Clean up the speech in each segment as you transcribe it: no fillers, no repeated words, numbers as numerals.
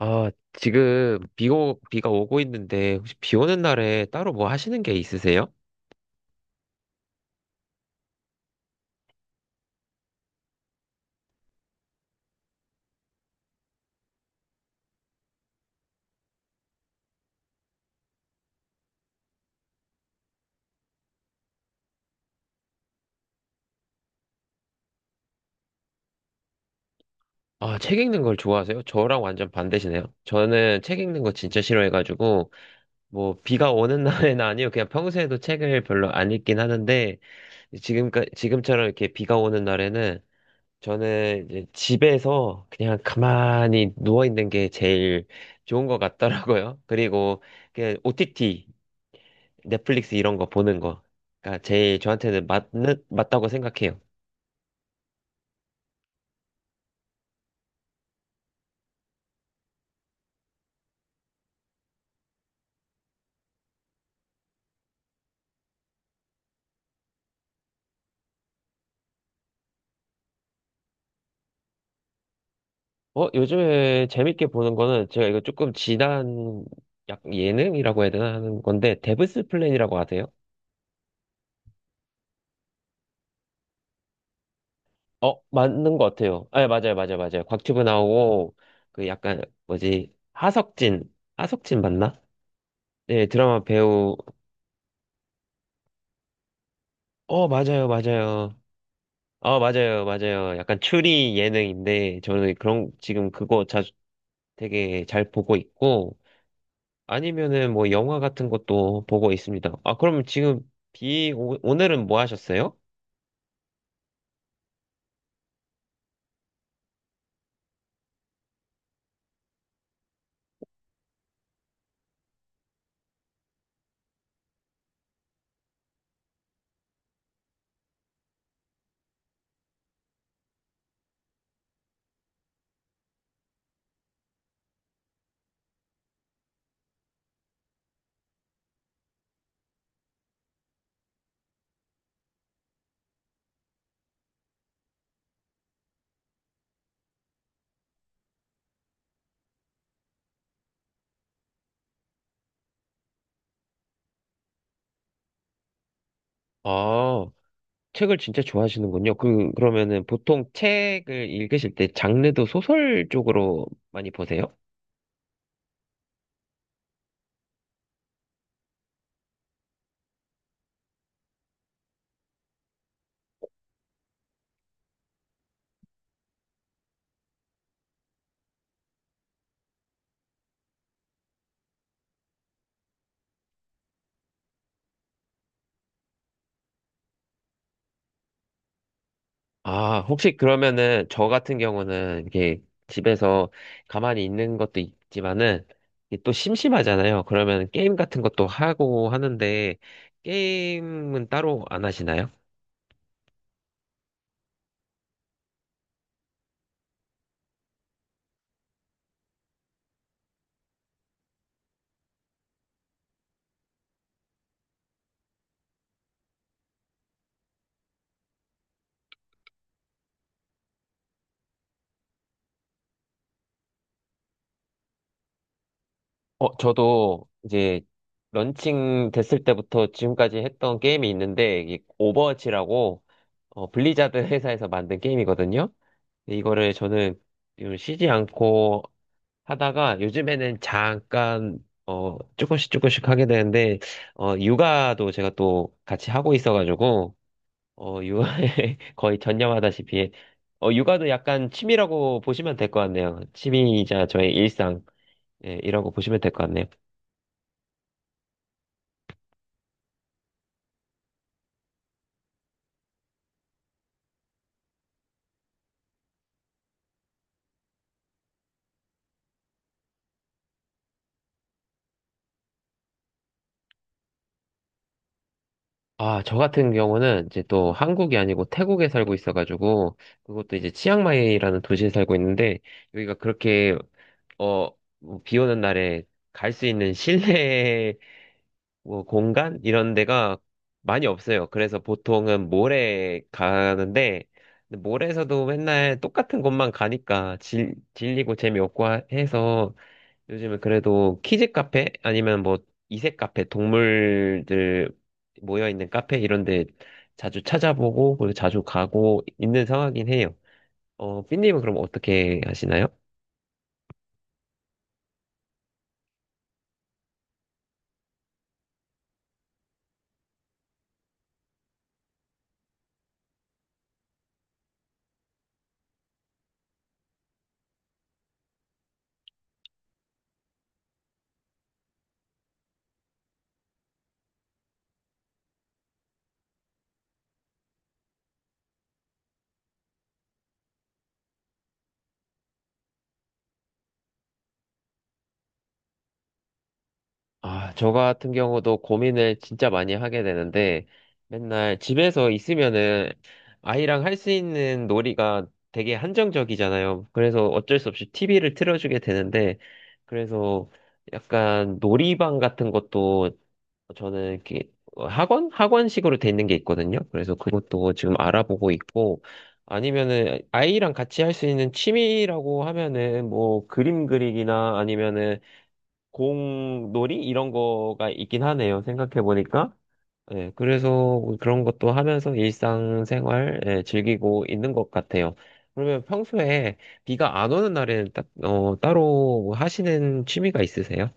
아, 지금 비가 오고 있는데 혹시 비 오는 날에 따로 뭐 하시는 게 있으세요? 아, 책 읽는 걸 좋아하세요? 저랑 완전 반대시네요. 저는 책 읽는 거 진짜 싫어해가지고 뭐 비가 오는 날에는 아니요. 그냥 평소에도 책을 별로 안 읽긴 하는데 지금까 지금처럼 이렇게 비가 오는 날에는 저는 이제 집에서 그냥 가만히 누워 있는 게 제일 좋은 것 같더라고요. 그리고 그냥 OTT 넷플릭스 이런 거 보는 거. 가 제일 저한테는 맞다고 생각해요. 어, 요즘에 재밌게 보는 거는 제가 이거 조금 지난 약 예능이라고 해야 되나 하는 건데, 데브스 플랜이라고 하세요? 어, 맞는 것 같아요. 아, 맞아요, 맞아요, 맞아요. 곽튜브 나오고, 그 약간, 뭐지, 하석진 맞나? 네, 드라마 배우, 어, 맞아요, 맞아요. 어, 맞아요, 맞아요. 약간 추리 예능인데, 저는 지금 그거 자주 되게 잘 보고 있고, 아니면은 뭐 영화 같은 것도 보고 있습니다. 아, 그럼 지금 오늘은 뭐 하셨어요? 아, 책을 진짜 좋아하시는군요. 그러면은 보통 책을 읽으실 때 장르도 소설 쪽으로 많이 보세요? 아, 혹시 그러면은 저 같은 경우는 이렇게 집에서 가만히 있는 것도 있지만은 이게 또 심심하잖아요. 그러면 게임 같은 것도 하고 하는데 게임은 따로 안 하시나요? 어, 저도 이제 런칭 됐을 때부터 지금까지 했던 게임이 있는데, 이게 오버워치라고, 어, 블리자드 회사에서 만든 게임이거든요. 근데 이거를 저는 요즘 쉬지 않고 하다가 요즘에는 어, 조금씩 하게 되는데, 어, 육아도 제가 또 같이 하고 있어가지고, 어, 육아에 거의 전념하다시피, 어, 육아도 약간 취미라고 보시면 될 것 같네요. 취미이자 저의 일상, 예, 이라고 보시면 될 것 같네요. 아, 저 같은 경우는 이제 또 한국이 아니고 태국에 살고 있어가지고, 그것도 이제 치앙마이라는 도시에 살고 있는데, 여기가 그렇게, 어, 뭐비 오는 날에 갈 수 있는 실내 뭐 공간? 이런 데가 많이 없어요. 그래서 보통은 몰에 가는데, 근데 몰에서도 맨날 똑같은 곳만 가니까 질리고 재미없고 해서, 요즘은 그래도 키즈 카페 아니면 뭐 이색 카페 동물들 모여 있는 카페 이런 데 자주 찾아보고 그리고 자주 가고 있는 상황이긴 해요. 어, 삐님은 그럼 어떻게 하시나요? 아, 저 같은 경우도 고민을 진짜 많이 하게 되는데 맨날 집에서 있으면은 아이랑 할 수 있는 놀이가 되게 한정적이잖아요. 그래서 어쩔 수 없이 TV를 틀어주게 되는데 그래서 약간 놀이방 같은 것도 저는 이렇게 어, 학원? 학원식으로 돼 있는 게 있거든요. 그래서 그것도 지금 알아보고 있고, 아니면은 아이랑 같이 할 수 있는 취미라고 하면은 뭐 그림 그리기나 아니면은 공놀이 이런 거가 있긴 하네요. 생각해 보니까. 예, 그래서 그런 것도 하면서 일상생활 예, 즐기고 있는 것 같아요. 그러면 평소에 비가 안 오는 날에는 어, 따로 하시는 취미가 있으세요?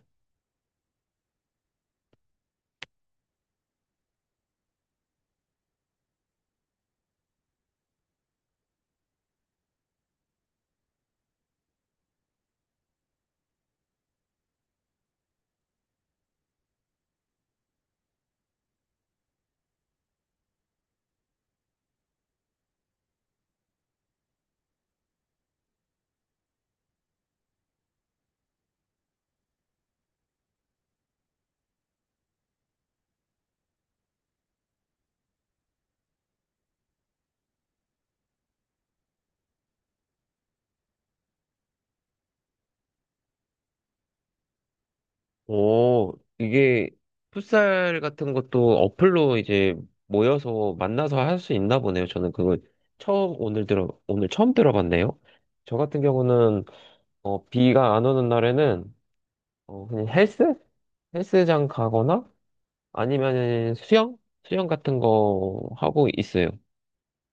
오, 이게 풋살 같은 것도 어플로 이제 모여서 만나서 할 수 있나 보네요. 저는 그걸 처음 오늘 들어 오늘 처음 들어봤네요. 저 같은 경우는 어, 비가 안 오는 날에는 어, 그냥 헬스장 가거나 아니면 수영 같은 거 하고 있어요.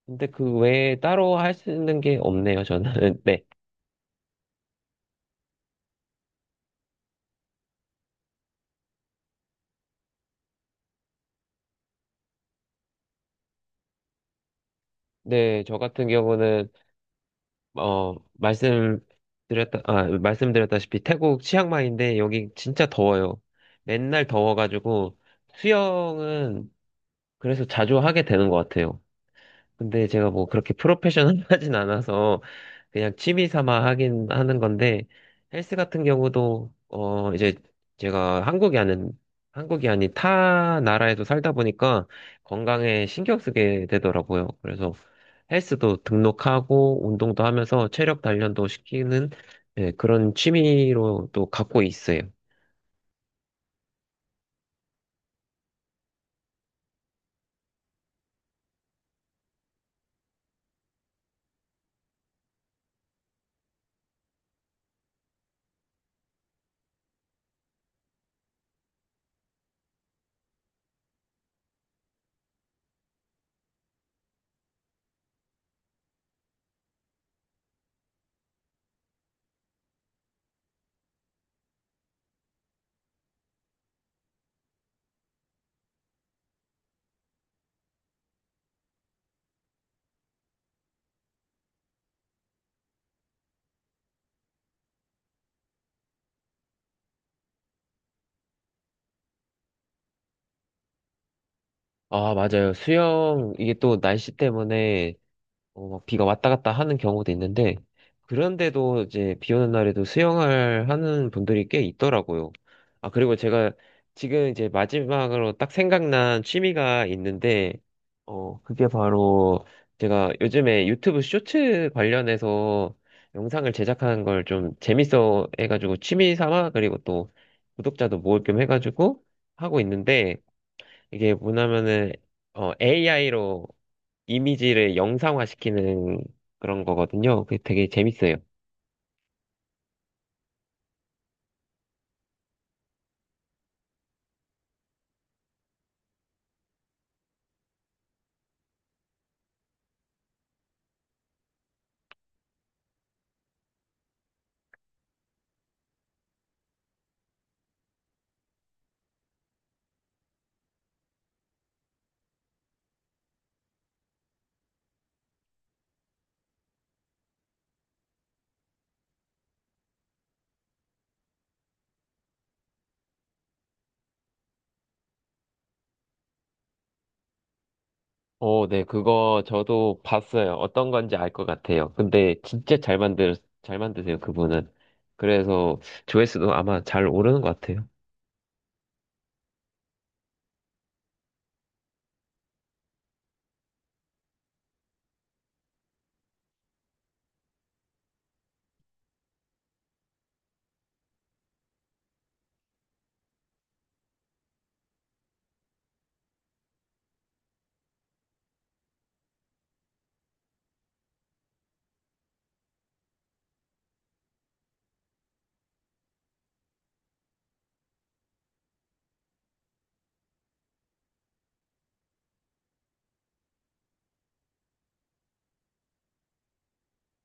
근데 그 외에 따로 할 수 있는 게 없네요. 저는 네, 네, 저 같은 경우는 어, 말씀드렸다시피 태국 치앙마이인데 여기 진짜 더워요. 맨날 더워가지고 수영은 그래서 자주 하게 되는 것 같아요. 근데 제가 뭐 그렇게 프로페셔널하진 않아서 그냥 취미 삼아 하긴 하는 건데 헬스 같은 경우도 어 이제 제가 한국이 아닌 한국이 아닌 타 나라에도 살다 보니까 건강에 신경 쓰게 되더라고요. 그래서 헬스도 등록하고 운동도 하면서 체력 단련도 시키는 예, 그런 취미로 또 갖고 있어요. 아, 맞아요. 수영 이게 또 날씨 때문에 어, 막 비가 왔다 갔다 하는 경우도 있는데, 그런데도 이제 비 오는 날에도 수영을 하는 분들이 꽤 있더라고요. 아, 그리고 제가 지금 이제 마지막으로 딱 생각난 취미가 있는데, 어, 그게 바로 제가 요즘에 유튜브 쇼츠 관련해서 영상을 제작하는 걸 좀 재밌어 해가지고 취미 삼아, 그리고 또 구독자도 모을 겸 해가지고 하고 있는데, 이게 뭐냐면은, 어, AI로 이미지를 영상화시키는 그런 거거든요. 그게 되게 재밌어요. 어, 네, 그거 저도 봤어요. 어떤 건지 알 것 같아요. 근데 진짜 잘 만드세요, 그분은. 그래서 조회수도 아마 잘 오르는 것 같아요.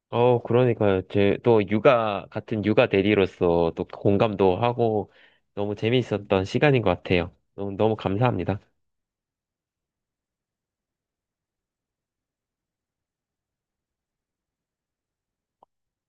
어, 그러니까요. 제 또 같은 육아 대리로서 또 공감도 하고 너무 재미있었던 시간인 것 같아요. 너무 감사합니다.